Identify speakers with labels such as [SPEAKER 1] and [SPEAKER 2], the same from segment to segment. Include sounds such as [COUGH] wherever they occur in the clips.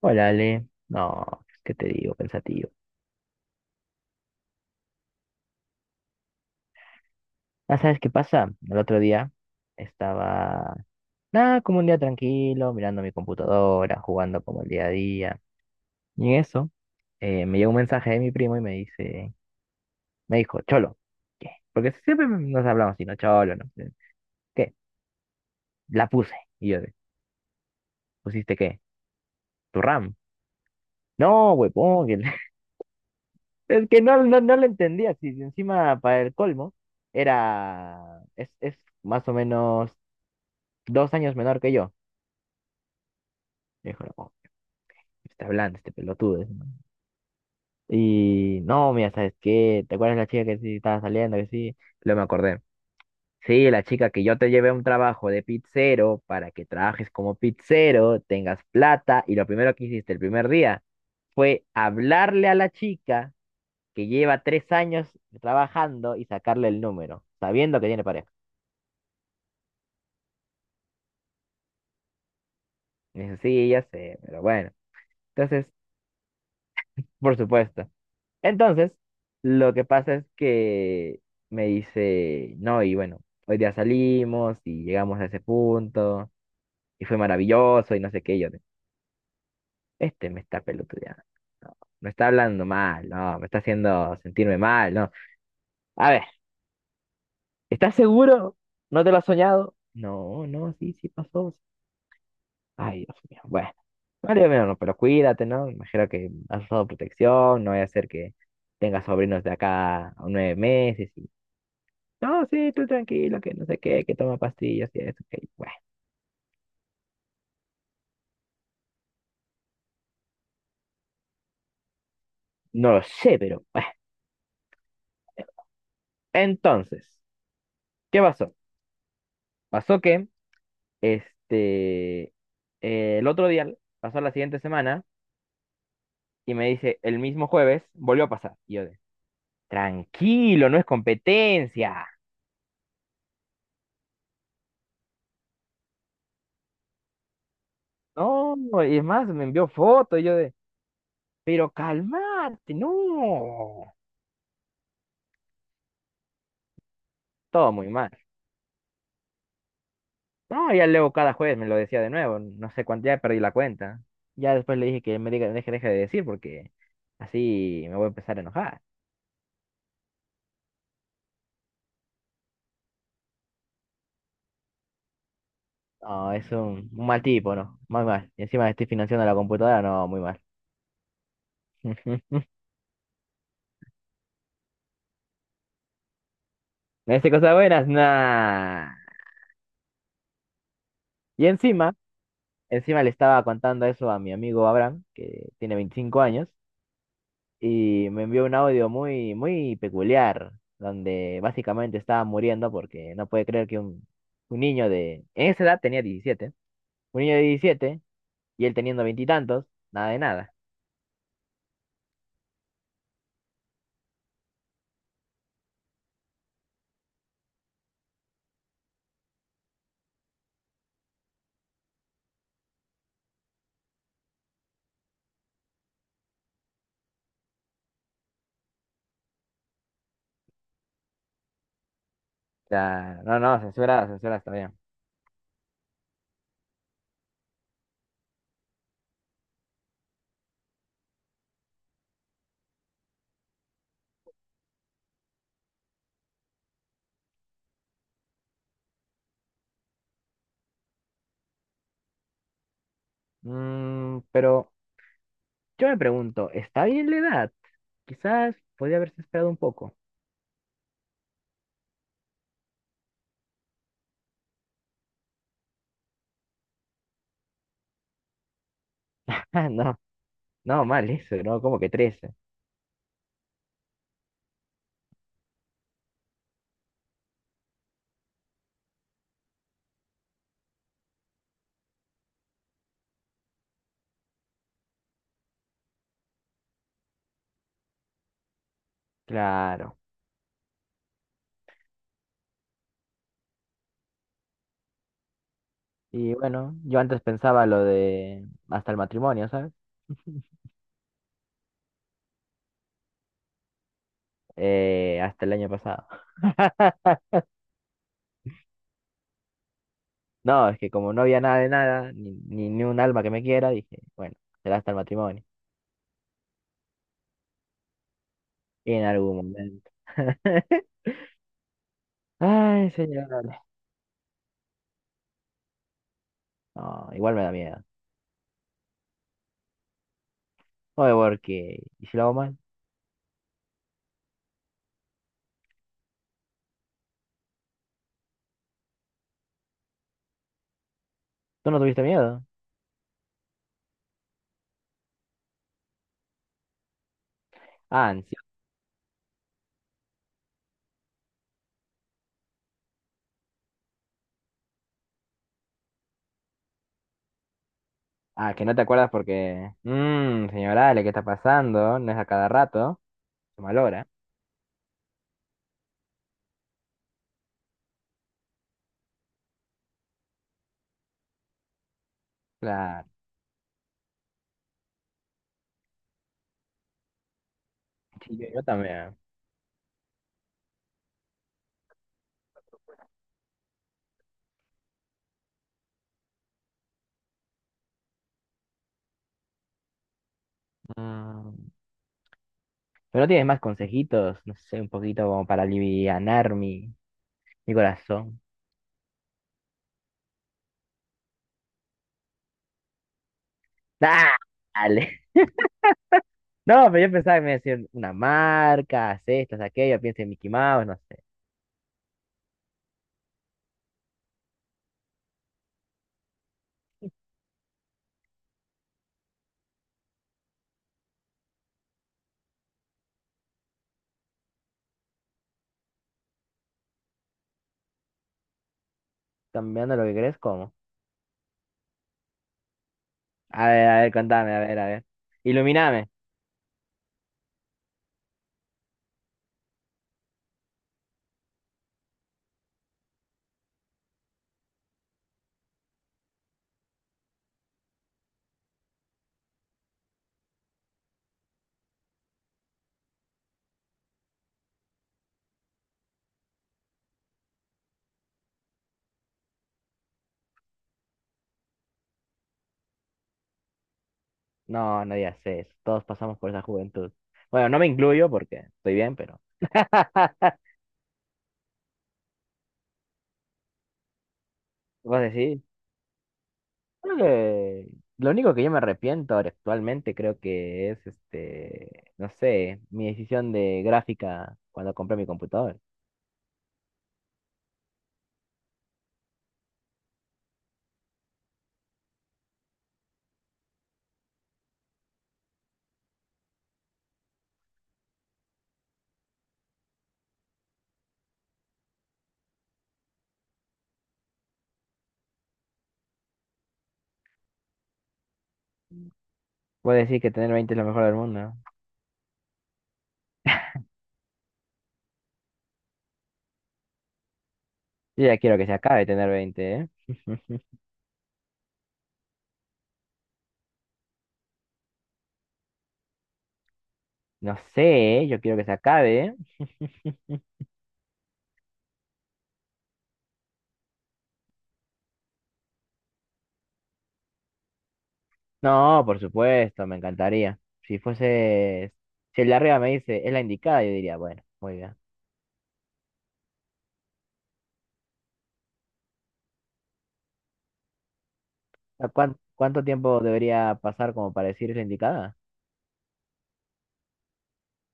[SPEAKER 1] Hola, Ale. No, pues, ¿qué te digo? Pensativo. Ah, ¿sabes qué pasa? El otro día estaba, nada, como un día tranquilo, mirando mi computadora, jugando como el día a día. Y en eso, me llegó un mensaje de mi primo y me dijo, Cholo, ¿qué? Porque siempre nos hablamos así, no, Cholo, no. ¿Qué? La puse. Y yo, de, ¿pusiste qué? ¿Tu RAM? No, huevón. [LAUGHS] Es que no lo entendía. Si encima, para el colmo, es más o menos 2 años menor que yo. Dijo, no, está hablando este pelotudo, dice, ¿no? Y no, mira, ¿sabes qué? ¿Te acuerdas la chica que sí estaba saliendo? Que sí. Luego me acordé. Sí, la chica que yo te llevé a un trabajo de pizzero para que trabajes como pizzero, tengas plata. Y lo primero que hiciste el primer día fue hablarle a la chica que lleva 3 años trabajando y sacarle el número, sabiendo que tiene pareja. Y dice, sí, ya sé, pero bueno. Entonces, por supuesto. Entonces, lo que pasa es que me dice, no, y bueno, hoy día salimos y llegamos a ese punto y fue maravilloso y no sé qué. Y yo, de, este me está pelotudeando, no, me está hablando mal, no, me está haciendo sentirme mal, no. A ver, ¿estás seguro? ¿No te lo has soñado? No, no, sí, sí pasó. Ay, Dios mío, bueno. Vale, bueno, pero cuídate, ¿no? Imagino que has usado protección, no vaya a ser que tengas sobrinos de acá a 9 meses. No, sí, tú tranquilo, que no sé qué, que toma pastillas y eso, que bueno, no lo sé, pero bueno. Entonces, ¿qué pasó? Pasó que, este, el otro día, pasó la siguiente semana, y me dice, el mismo jueves, volvió a pasar. Y yo de, tranquilo, no es competencia. No, y es más, me envió fotos, y yo de, pero calmate, no. Todo muy mal. No, ya luego cada jueves me lo decía de nuevo, no sé cuánto, ya perdí la cuenta. Ya después le dije que me diga, deje de decir porque así me voy a empezar a enojar. No, es un mal tipo, ¿no? Muy mal. Y encima estoy financiando la computadora, no, muy mal. [LAUGHS] Me dice cosas buenas, nah. Y encima, encima le estaba contando eso a mi amigo Abraham, que tiene 25 años, y me envió un audio muy, muy peculiar, donde básicamente estaba muriendo porque no puede creer que un niño de... En esa edad tenía 17, un niño de 17, y él teniendo veintitantos, nada de nada. O sea, no, no, censurada, censurada está bien. Pero yo me pregunto, ¿está bien la edad? Quizás podría haberse esperado un poco. [LAUGHS] Ah, no, no, mal eso, ¿no? Como que 13. Claro. Y bueno, yo antes pensaba lo de hasta el matrimonio, ¿sabes? Hasta el año pasado. [LAUGHS] No, es que como no había nada de nada, ni un alma que me quiera, dije, bueno, será hasta el matrimonio. Y en algún momento. [LAUGHS] Ay, señor. No, igual me da miedo. Oye, porque, ¿y si lo hago mal? ¿Tú no tuviste miedo? Ah, en sí. Ah, que no te acuerdas porque... Señor Ale, ¿qué está pasando? No es a cada rato. Se malora. Claro. Sí, yo también. Mm. Pero no tienes más consejitos, no sé, un poquito como para alivianar mi corazón. Dale. No, pero yo pensaba que me iba a decir una marca, haz esto, haz aquello, pienso en Mickey Mouse, no sé. ¿Cambiando lo que crees? ¿Cómo? A ver, contame, a ver, a ver. Ilumíname. No, no digas eso. Todos pasamos por esa juventud. Bueno, no me incluyo porque estoy bien, pero vos decís. Creo que lo único que yo me arrepiento ahora actualmente creo que es, no sé, mi decisión de gráfica cuando compré mi computador. Vos decís que tener 20 es lo mejor del mundo, ¿no? Yo ya quiero que se acabe tener 20, ¿eh? [LAUGHS] No sé, yo quiero que se acabe. No, por supuesto, me encantaría. Si fuese, si el de arriba me dice, es la indicada, yo diría, bueno, muy bien. ¿Cuánto tiempo debería pasar como para decir es la indicada?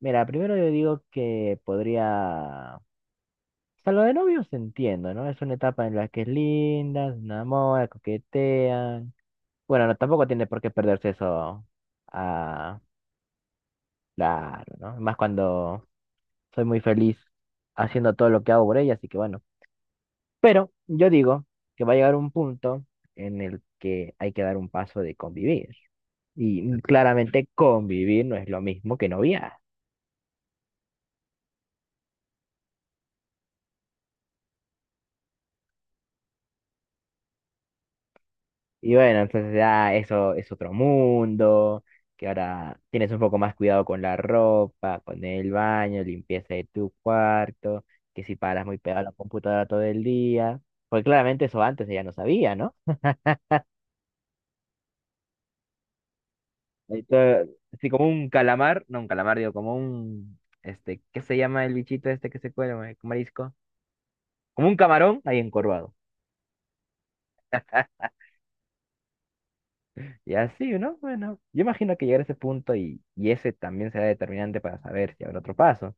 [SPEAKER 1] Mira, primero yo digo que podría... O sea, lo de novios entiendo, ¿no? Es una etapa en la que es linda, se enamora, coquetean. Bueno, no, tampoco tiene por qué perderse eso. Ah, claro, ¿no? Más cuando soy muy feliz haciendo todo lo que hago por ella, así que bueno. Pero yo digo que va a llegar un punto en el que hay que dar un paso de convivir. Y claramente convivir no es lo mismo que noviar. Y bueno, entonces ya eso es otro mundo, que ahora tienes un poco más cuidado con la ropa, con el baño, limpieza de tu cuarto, que si paras muy pegado a la computadora todo el día. Pues claramente eso antes ella no sabía, ¿no? Ahí está, así como un calamar, no un calamar, digo, como un, ¿qué se llama el bichito este que se cuela, marisco? Como un camarón ahí encorvado. Y así, ¿no? Bueno, yo imagino que llegar a ese punto y, ese también será determinante para saber si habrá otro paso.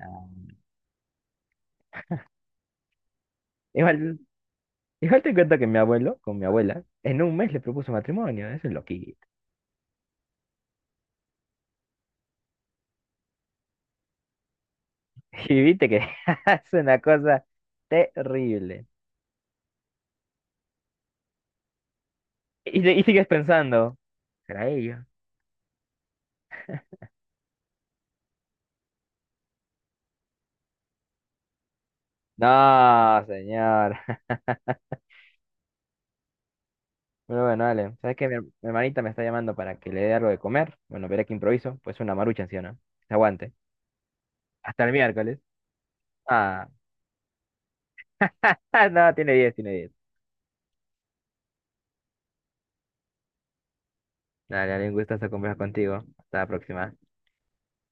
[SPEAKER 1] Ah, Igual, igual te cuento que mi abuelo, con mi abuela, en un mes le propuso matrimonio, eso es loquito. [LAUGHS] Y viste que [LAUGHS] es una cosa terrible. Y sigues pensando, ¿será ella? No, señor. Bueno, bueno, dale. ¿Sabes qué? Mi hermanita me está llamando para que le dé algo de comer. Bueno, veré que improviso. Pues una marucha, ¿sí o no? Se aguante. Hasta el miércoles. Ah, ah, no, tiene diez. Dale, dale, un gustazo conversar contigo. Hasta la próxima.